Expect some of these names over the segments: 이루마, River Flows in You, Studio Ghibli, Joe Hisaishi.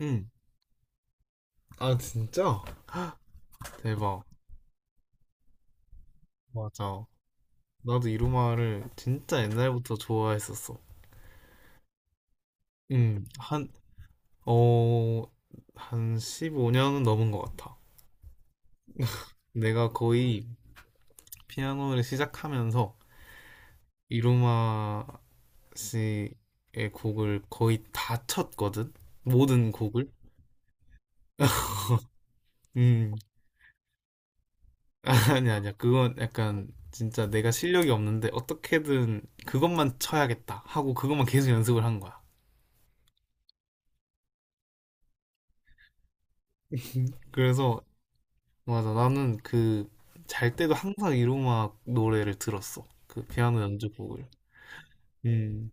응. 아, 진짜? 대박. 맞아. 나도 이루마를 진짜 옛날부터 좋아했었어. 응. 어, 한 15년은 넘은 것 같아. 내가 거의 피아노를 시작하면서 이루마 씨의 곡을 거의 다 쳤거든? 모든 곡을? 음, 아니, 아니야. 그건 약간 진짜 내가 실력이 없는데 어떻게든 그것만 쳐야겠다 하고 그것만 계속 연습을 한 거야. 그래서 맞아. 나는 그, 잘 때도 항상 이로마 노래를 들었어. 그 피아노 연주곡을. 음,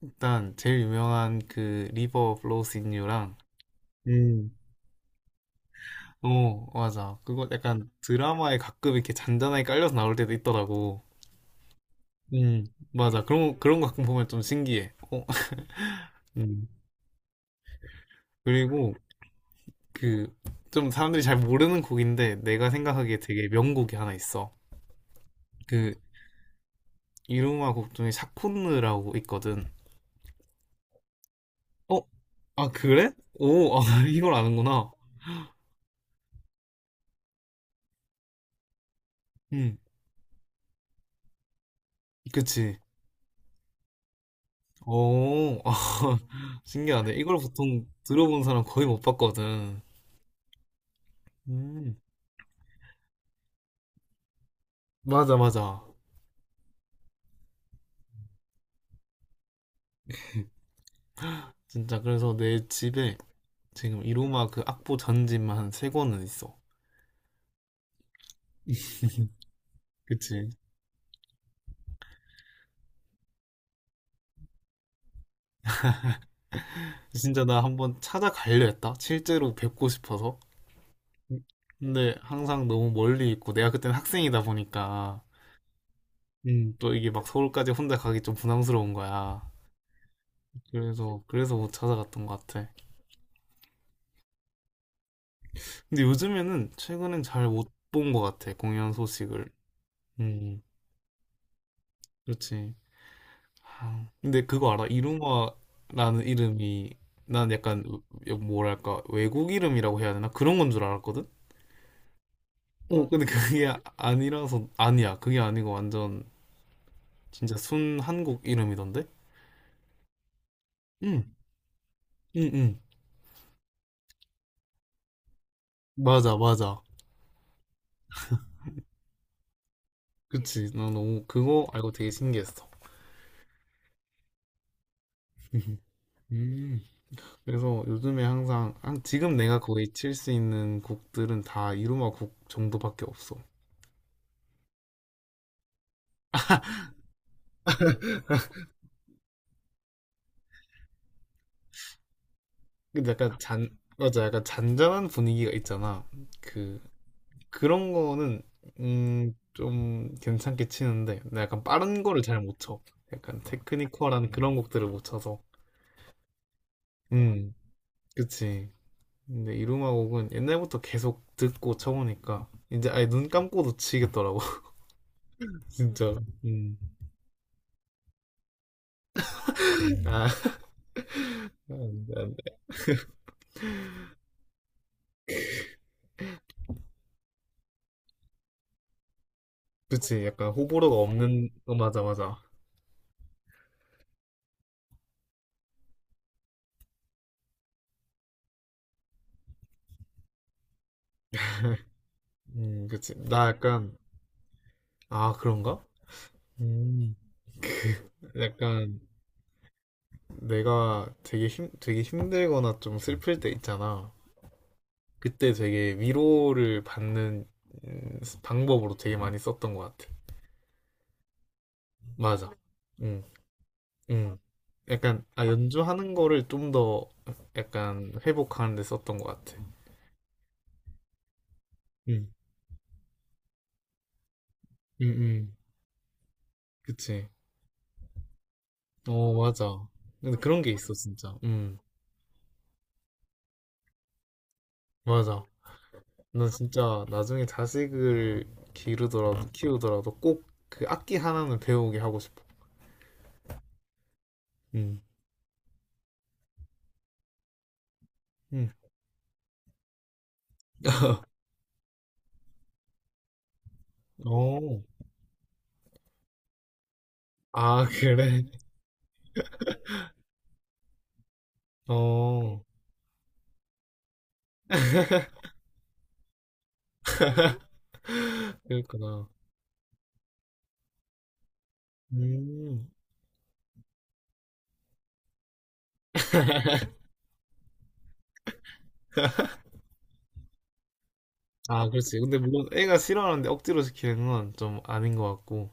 일단, 제일 유명한 그, 리버 플로우스 인 유랑, 음, 어, 맞아. 그거 약간 드라마에 가끔 이렇게 잔잔하게 깔려서 나올 때도 있더라고. 음, 맞아. 그런, 그런 거 가끔 보면 좀 신기해. 어. 음, 그리고 그, 좀 사람들이 잘 모르는 곡인데, 내가 생각하기에 되게 명곡이 하나 있어. 그, 이루마 곡 중에 샤콘느라고 있거든. 어? 아, 그래? 오, 아, 이걸 아는구나. 음, 그치. 오, 아, 신기하네. 이걸 보통 들어본 사람 거의 못 봤거든. 음, 맞아, 맞아. 진짜, 그래서 내 집에 지금 이로마 그 악보 전집만 한 3권은 있어. 그치. 진짜 나 한번 찾아가려 했다. 실제로 뵙고 싶어서. 근데 항상 너무 멀리 있고, 내가 그때는 학생이다 보니까, 또 이게 막 서울까지 혼자 가기 좀 부담스러운 거야. 그래서 못 찾아갔던 것 같아. 근데 요즘에는 최근엔 잘 못 본 것 같아 공연 소식을. 음, 그렇지. 아, 근데 그거 알아? 이루마라는 이름이 난 약간 뭐랄까 외국 이름이라고 해야 되나 그런 건 줄 알았거든. 어, 근데 그게 아니라서 아니야. 그게 아니고 완전 진짜 순 한국 이름이던데. 응, 응, 응. 맞아, 맞아. 그치. 나 너무 그거 알고 되게 신기했어. 음. 그래서 요즘에 항상 지금 내가 거의 칠 수 있는 곡들은 다 이루마 곡 정도밖에 없어. 근데 약간 잔 맞아, 약간 잔잔한 분위기가 있잖아. 그 그런 거는 좀 괜찮게 치는데 나 약간 빠른 거를 잘 못 쳐. 약간 테크니컬한 그런 곡들을 못 쳐서. 음, 그치. 근데 이루마 곡은 옛날부터 계속 듣고 쳐보니까 이제 아예 눈 감고도 치겠더라고. 진짜. 음. 아, 아, 아. 그치, 약간 호불호가 없는, 어, 맞아, 맞아. 그치. 나 약간, 아, 그런가? 음, 약간, 내가 되게 되게 힘들거나 좀 슬플 때 있잖아. 그때 되게 위로를 받는 방법으로 되게 많이 썼던 것 같아. 맞아. 음, 음. 약간, 아, 연주하는 거를 좀 더 약간 회복하는 데 썼던 것 같아. 음, 음, 음. 그치. 어, 맞아. 근데 그런 게 있어, 진짜. 맞아. 너 진짜 나중에 자식을 기르더라도 키우더라도 꼭 그 악기 하나는 배우게 하고 싶어. 응. 응. 어. 아, 그래. 어. 그렇구나. 음. 아, 그렇지. 근데 물론 애가 싫어하는데 억지로 시키는 건 좀 아닌 것 같고,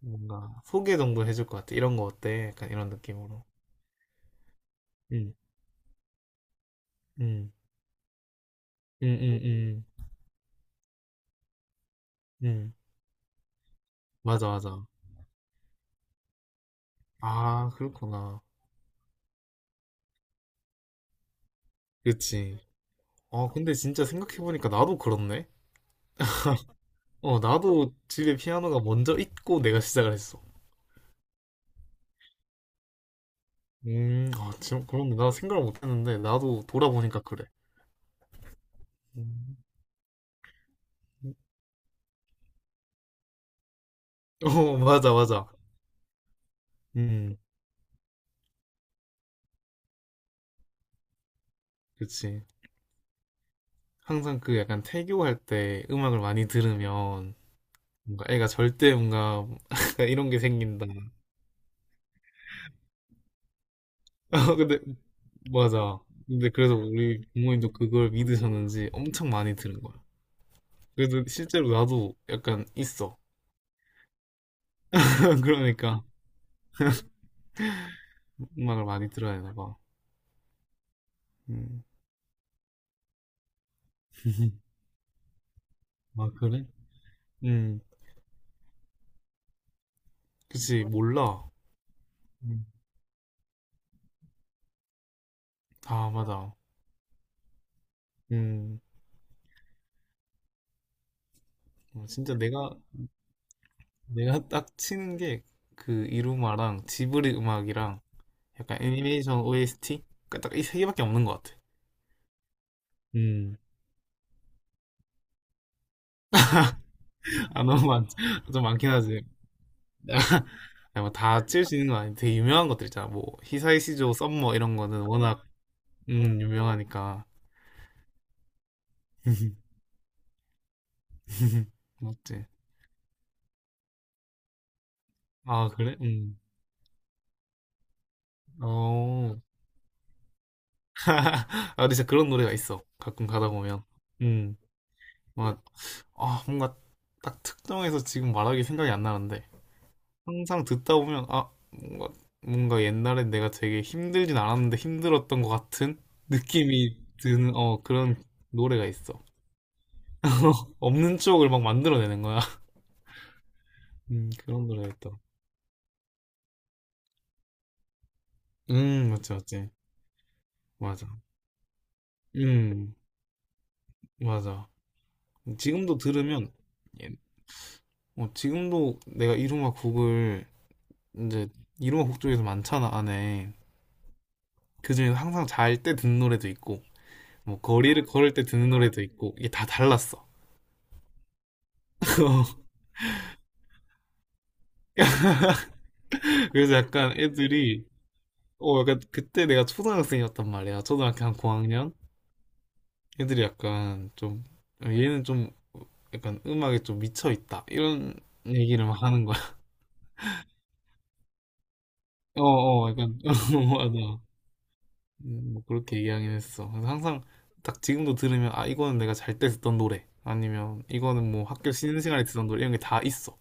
뭔가 소개 정도 해줄 것 같아. 이런 거 어때? 약간 이런 느낌으로. 응, 응, 응, 응, 응, 응. 맞아, 맞아. 아, 그렇구나. 그치. 아, 근데 진짜 생각해보니까 나도 그렇네. 어, 나도 집에 피아노가 먼저 있고 내가 시작을 했어. 아, 지금 그런데 나 생각을 못했는데 나도 돌아보니까 그래. 음. 어, 맞아, 맞아. 음, 그치. 항상 그 약간 태교할 때 음악을 많이 들으면 뭔가 애가 절대 뭔가 약간 이런 게 생긴다. 아, 근데 맞아. 근데 그래서 우리 부모님도 그걸 믿으셨는지 엄청 많이 들은 거야. 그래서 실제로 나도 약간 있어. 그러니까 음악을 많이 들어야 되나 봐. 음. 아, 그래? 음. 그치, 몰라. 음. 아, 맞아. 음. 어, 진짜 내가 딱 치는 게 그 이루마랑 지브리 음악이랑 약간 애니메이션 OST? 딱 이 3개밖에 없는 것 같아. 음, 아, 너무 좀 많긴 하지. 뭐다 치울 수 있는 건 아닌데 되게 유명한 것들 있잖아. 뭐, 히사이시조, 썸머 이런 거는 워낙, 유명하니까. 맞지? 아, 그래? 음. 어, 아, 근데 진짜 그런 노래가 있어. 가끔 가다 보면. 음, 뭔가, 아, 뭔가 딱 특정해서 지금 말하기 생각이 안 나는데. 항상 듣다 보면, 아, 뭔가, 옛날에 내가 되게 힘들진 않았는데 힘들었던 것 같은 느낌이 드는, 어, 그런 노래가 있어. 없는 추억을 막 만들어내는 거야. 그런 노래가 있다. 맞지, 맞지. 맞아. 음, 맞아. 지금도 들으면, 예, 어, 지금도 내가 이루마 곡을 이제 이루곡중에서 많잖아 안에 그중에서 항상 잘 때 듣는 노래도 있고 뭐 거리를 걸을 때 듣는 노래도 있고 이게 다 달랐어. 그래서 약간 애들이 어 약간 그때 내가 초등학생이었단 말이야. 초등학교 한 고학년 애들이 약간 좀 어, 얘는 좀 약간 음악에 좀 미쳐 있다 이런 얘기를 막 하는 거야. 어어 약간 어, 맞아. 뭐 그렇게 얘기하긴 했어. 그래서 항상 딱 지금도 들으면 아 이거는 내가 잘 때 듣던 노래 아니면 이거는 뭐 학교 쉬는 시간에 듣던 노래 이런 게 다 있어.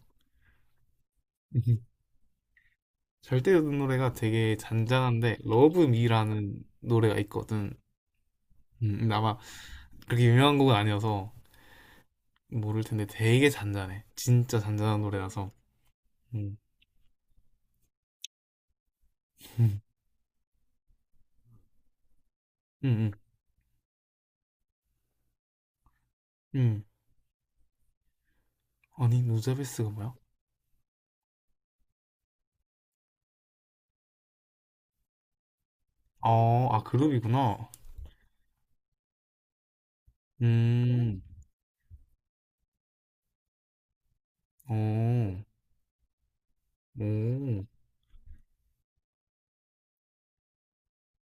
잘 때 듣는 노래가 되게 잔잔한데 러브 미라는 노래가 있거든. 근데 아마 그렇게 유명한 곡은 아니어서 모를 텐데 되게 잔잔해. 진짜 잔잔한 노래라서. 음, 음, 음, 음. 음. 아니 누자베스가 뭐야? 어, 아아 그룹이구나. 음, 오. 오,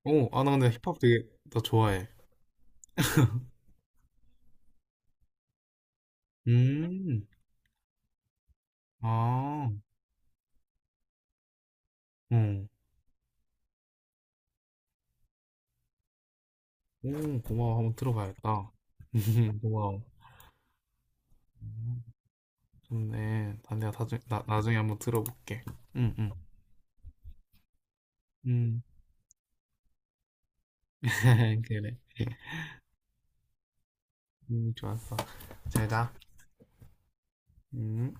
오, 아 나 근데 힙합 되게 나 좋아해. 음. 아. 어. 오 고마워. 한번 들어봐야겠다. 고마워. 음, 좋네. 나 내가 나중에 한번 들어볼게. 응, 응. 음. 그래. 좋았어. 잘 자. 음.